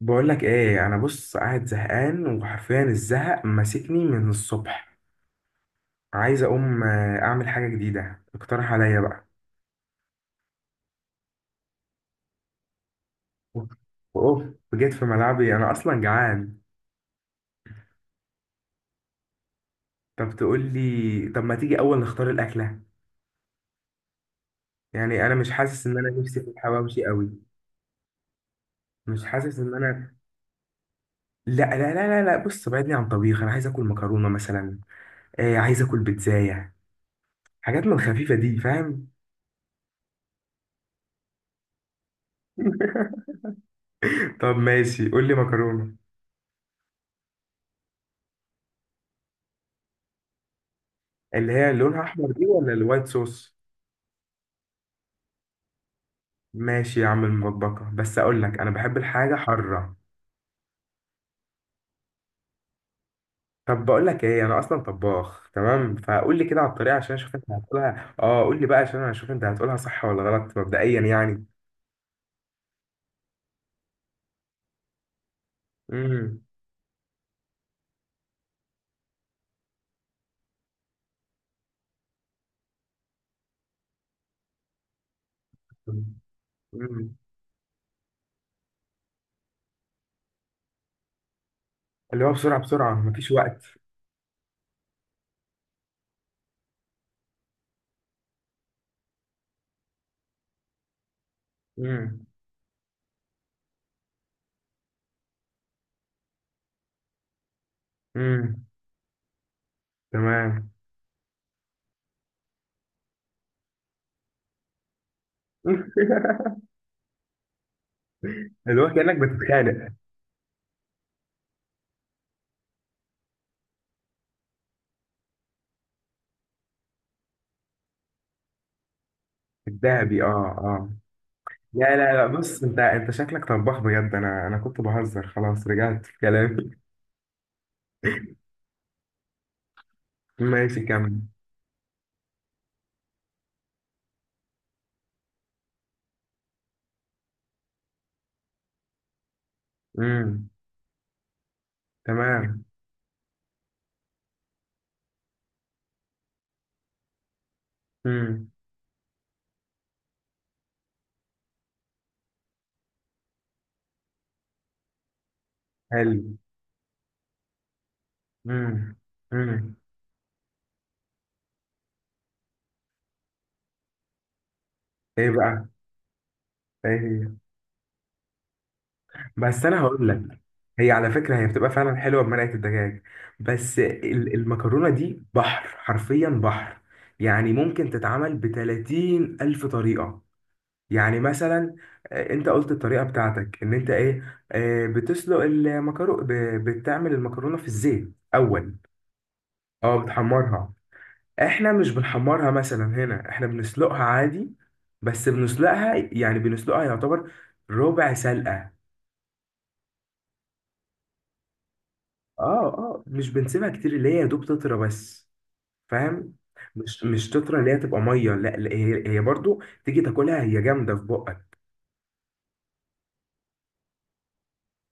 بقول لك ايه، انا بص قاعد زهقان وحرفيا الزهق ماسكني من الصبح. عايز اقوم، اعمل حاجه جديده، اقترح عليا بقى. اوف. أوف. جيت في ملعبي انا اصلا جعان. طب تقول لي، طب ما تيجي اول نختار الاكله. يعني انا مش حاسس ان انا نفسي في الحواوشي قوي. مش حاسس ان انا لا لا لا لا لا، بص بعدني عن طبيخ، انا عايز اكل مكرونه مثلا. آه، عايز اكل بيتزايه. حاجات من الخفيفه دي، فاهم. طب ماشي، قول لي مكرونه. اللي هي لونها احمر دي ولا الوايت صوص؟ ماشي يا عم المطبقة، بس اقول لك انا بحب الحاجة حارة. طب بقول لك ايه، انا اصلا طباخ تمام، فقول لي كده على الطريقة عشان اشوف انت هتقولها. اه قول لي بقى عشان انا اشوف انت هتقولها صح ولا غلط مبدئيا يعني. امم. امم. اللي هو بسرعة بسرعة مفيش وقت. امم. امم. تمام. اللي هو كأنك بتتخانق. الذهبي اه. اه. لا لا لا، بص، انت شكلك طباخ بجد، انا كنت بهزر، خلاص رجعت في كلامي. ماشي كمل. امم. تمام. امم. حلو. امم. امم. ايه بقى؟ ايه هي؟ بس انا هقول لك. هي على فكره هي بتبقى فعلا حلوه بمرقه الدجاج. بس المكرونه دي بحر، حرفيا بحر. يعني ممكن تتعمل ب 30 الف طريقه. يعني مثلا، انت قلت الطريقه بتاعتك ان انت ايه، بتسلق المكرونه. بتعمل المكرونه في الزيت اول. اه بتحمرها. احنا مش بنحمرها مثلا هنا، احنا بنسلقها عادي. بس بنسلقها، يعني بنسلقها يعتبر ربع سلقة. اه اه، مش بنسيبها كتير، اللي هي يا دوب تطرى بس، فاهم. مش تطرى اللي هي تبقى مية، لا لا، هي هي برضو تيجي تاكلها هي جامدة في بقك.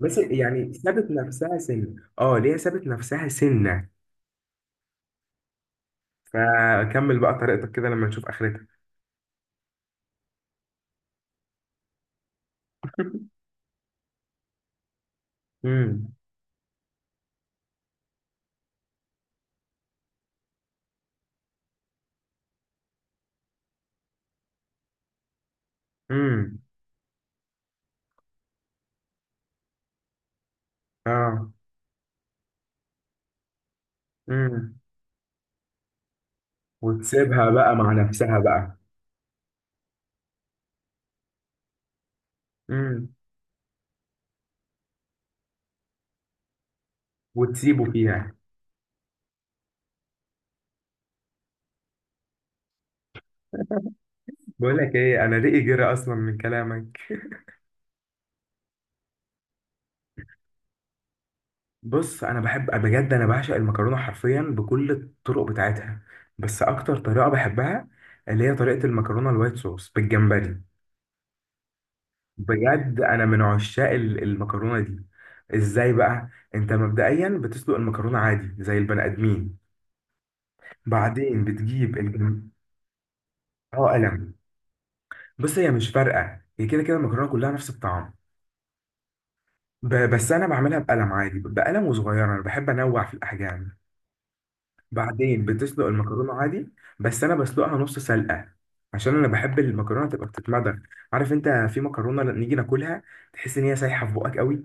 بس يعني سابت نفسها سنة، اه اللي هي سابت نفسها سنة. فكمل بقى طريقتك كده لما نشوف اخرتها. امم. امم. اه. امم. وتسيبها بقى مع نفسها بقى. وتسيبه فيها. بقول لك ايه، انا رقي جرى اصلا من كلامك. بص انا بحب بجد، انا بعشق المكرونه حرفيا بكل الطرق بتاعتها. بس اكتر طريقه بحبها اللي هي طريقه المكرونه الوايت صوص بالجمبري. بجد انا من عشاق المكرونه دي. ازاي بقى. انت مبدئيا بتسلق المكرونه عادي زي البني ادمين. بعدين بتجيب اه قلم. بص هي مش فارقه، هي كده كده المكرونه كلها نفس الطعم. بس انا بعملها بقلم عادي، بقلم وصغيره، انا بحب انوع في الاحجام. بعدين بتسلق المكرونة عادي. بس أنا بسلقها نص سلقة، عشان أنا بحب المكرونة تبقى بتتمضغ. عارف أنت في مكرونة لما نيجي ناكلها تحس إن هي سايحة في بقك قوي.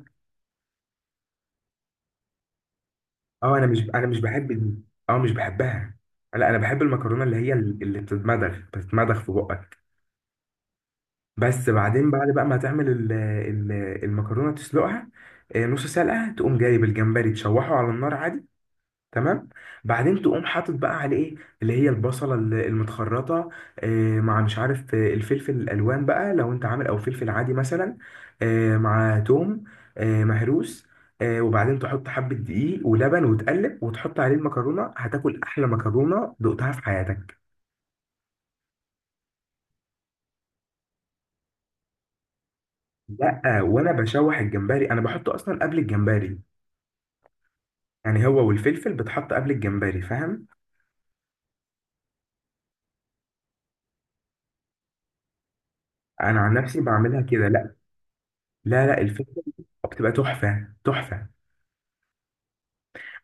أه أنا مش بحب دي. أه مش بحبها. لا أنا بحب المكرونة اللي هي اللي بتتمضغ بتتمضغ في بقك. بس بعدين بعد بقى ما تعمل المكرونة تسلقها، نص سلقة، تقوم جايب الجمبري تشوحه على النار عادي. تمام. بعدين تقوم حاطط بقى عليه ايه، اللي هي البصله المتخرطه، مع مش عارف، الفلفل الالوان بقى لو انت عامل، او فلفل عادي مثلا، مع توم، مهروس، وبعدين تحط حبه دقيق ولبن وتقلب وتحط عليه المكرونه، هتاكل احلى مكرونه دقتها في حياتك. لا وانا بشوح الجمبري انا بحطه اصلا قبل الجمبري. يعني هو والفلفل بتحط قبل الجمبري، فاهم. انا عن نفسي بعملها كده. لا لا لا، الفلفل بتبقى تحفه تحفه.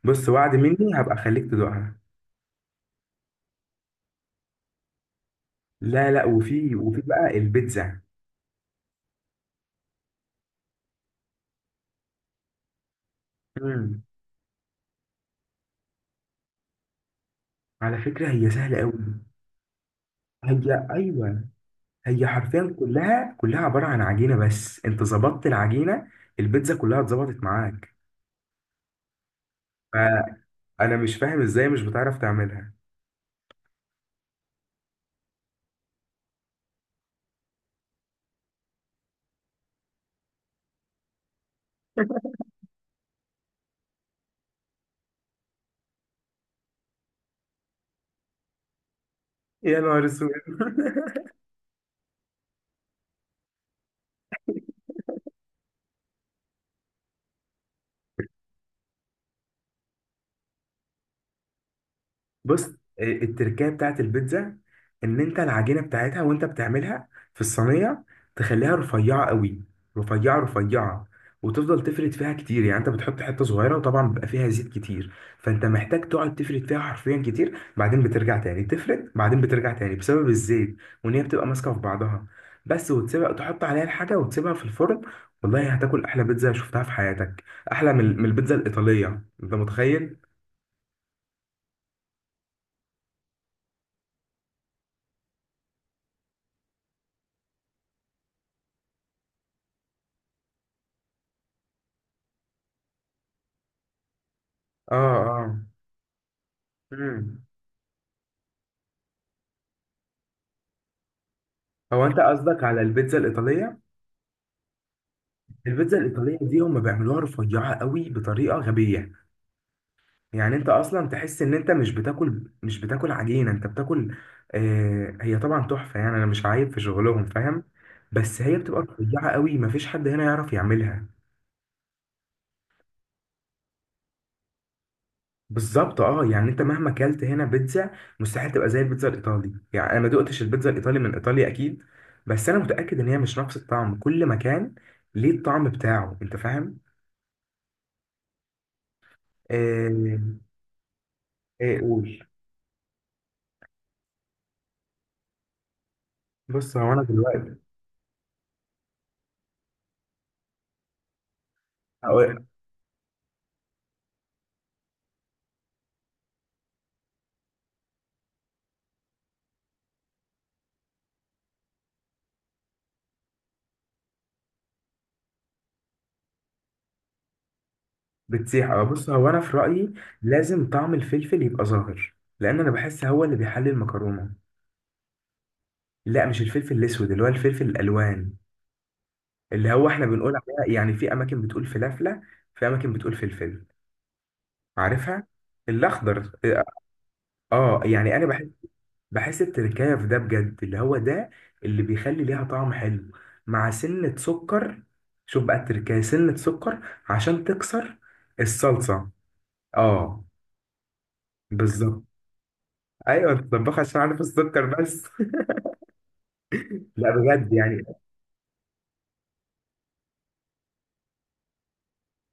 بص وعد مني هبقى اخليك تدوقها. لا لا، وفي بقى البيتزا. امم. على فكرة هي سهلة قوي. هي ايوه، هي حرفيا كلها كلها عبارة عن عجينة، بس انت ظبطت العجينة، البيتزا كلها اتظبطت معاك. فانا مش فاهم ازاي مش بتعرف تعملها. يا نهار اسود بص، التركية بتاعت البيتزا ان انت العجينة بتاعتها وانت بتعملها في الصينية، تخليها رفيعة قوي، رفيعة رفيعة، وتفضل تفرد فيها كتير. يعني انت بتحط حتة صغيرة، وطبعا بيبقى فيها زيت كتير، فانت محتاج تقعد تفرد فيها حرفيا كتير، بعدين بترجع تاني تفرد، بعدين بترجع تاني بسبب الزيت، وان هي بتبقى ماسكة في بعضها بس. وتسيبها، تحط عليها الحاجة وتسيبها في الفرن. والله هتاكل احلى بيتزا شفتها في حياتك. احلى من البيتزا الإيطالية، انت متخيل. اه اه. مم. هو انت قصدك على البيتزا الايطاليه. البيتزا الايطاليه دي هم بيعملوها رفيعه قوي بطريقه غبيه. يعني انت اصلا تحس ان انت مش بتاكل عجينه، انت بتاكل. آه هي طبعا تحفه يعني، انا مش عايب في شغلهم، فاهم. بس هي بتبقى رفيعه قوي، مفيش حد هنا يعرف يعملها. بالظبط اه، يعني انت مهما اكلت هنا بيتزا، مستحيل تبقى زي البيتزا الايطالي. يعني انا ما دقتش البيتزا الايطالي من ايطاليا اكيد، بس انا متاكد ان هي مش نفس الطعم كل مكان، ليه الطعم بتاعه، انت فاهم. آه. ايه قول. بص هو انا دلوقتي. هقول- بتسيح اه، بص هو انا في رايي لازم طعم الفلفل يبقى ظاهر، لان انا بحس هو اللي بيحلي المكرونه. لا مش الفلفل الاسود، اللي هو الفلفل الالوان، اللي هو احنا بنقول عليها، يعني في اماكن بتقول فلافله، في اماكن بتقول فلفل، عارفها، الاخضر اه. يعني انا بحس، بحس التركايه في ده بجد اللي هو ده، اللي بيخلي ليها طعم حلو، مع سنه سكر. شوف بقى التركايه سنه سكر عشان تكسر الصلصه. اه. بالظبط. ايوه الطباخ عشان عارف السكر بس. لا بجد يعني.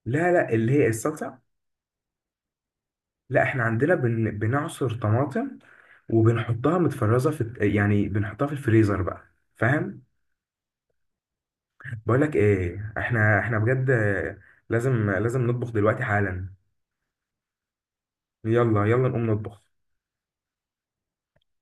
لا لا اللي هي الصلصه. لا احنا عندنا بنعصر طماطم، وبنحطها متفرزه في يعني بنحطها في الفريزر بقى، فاهم. بقول لك ايه، احنا احنا بجد لازم لازم نطبخ دلوقتي حالا. يلا يلا نقوم نطبخ.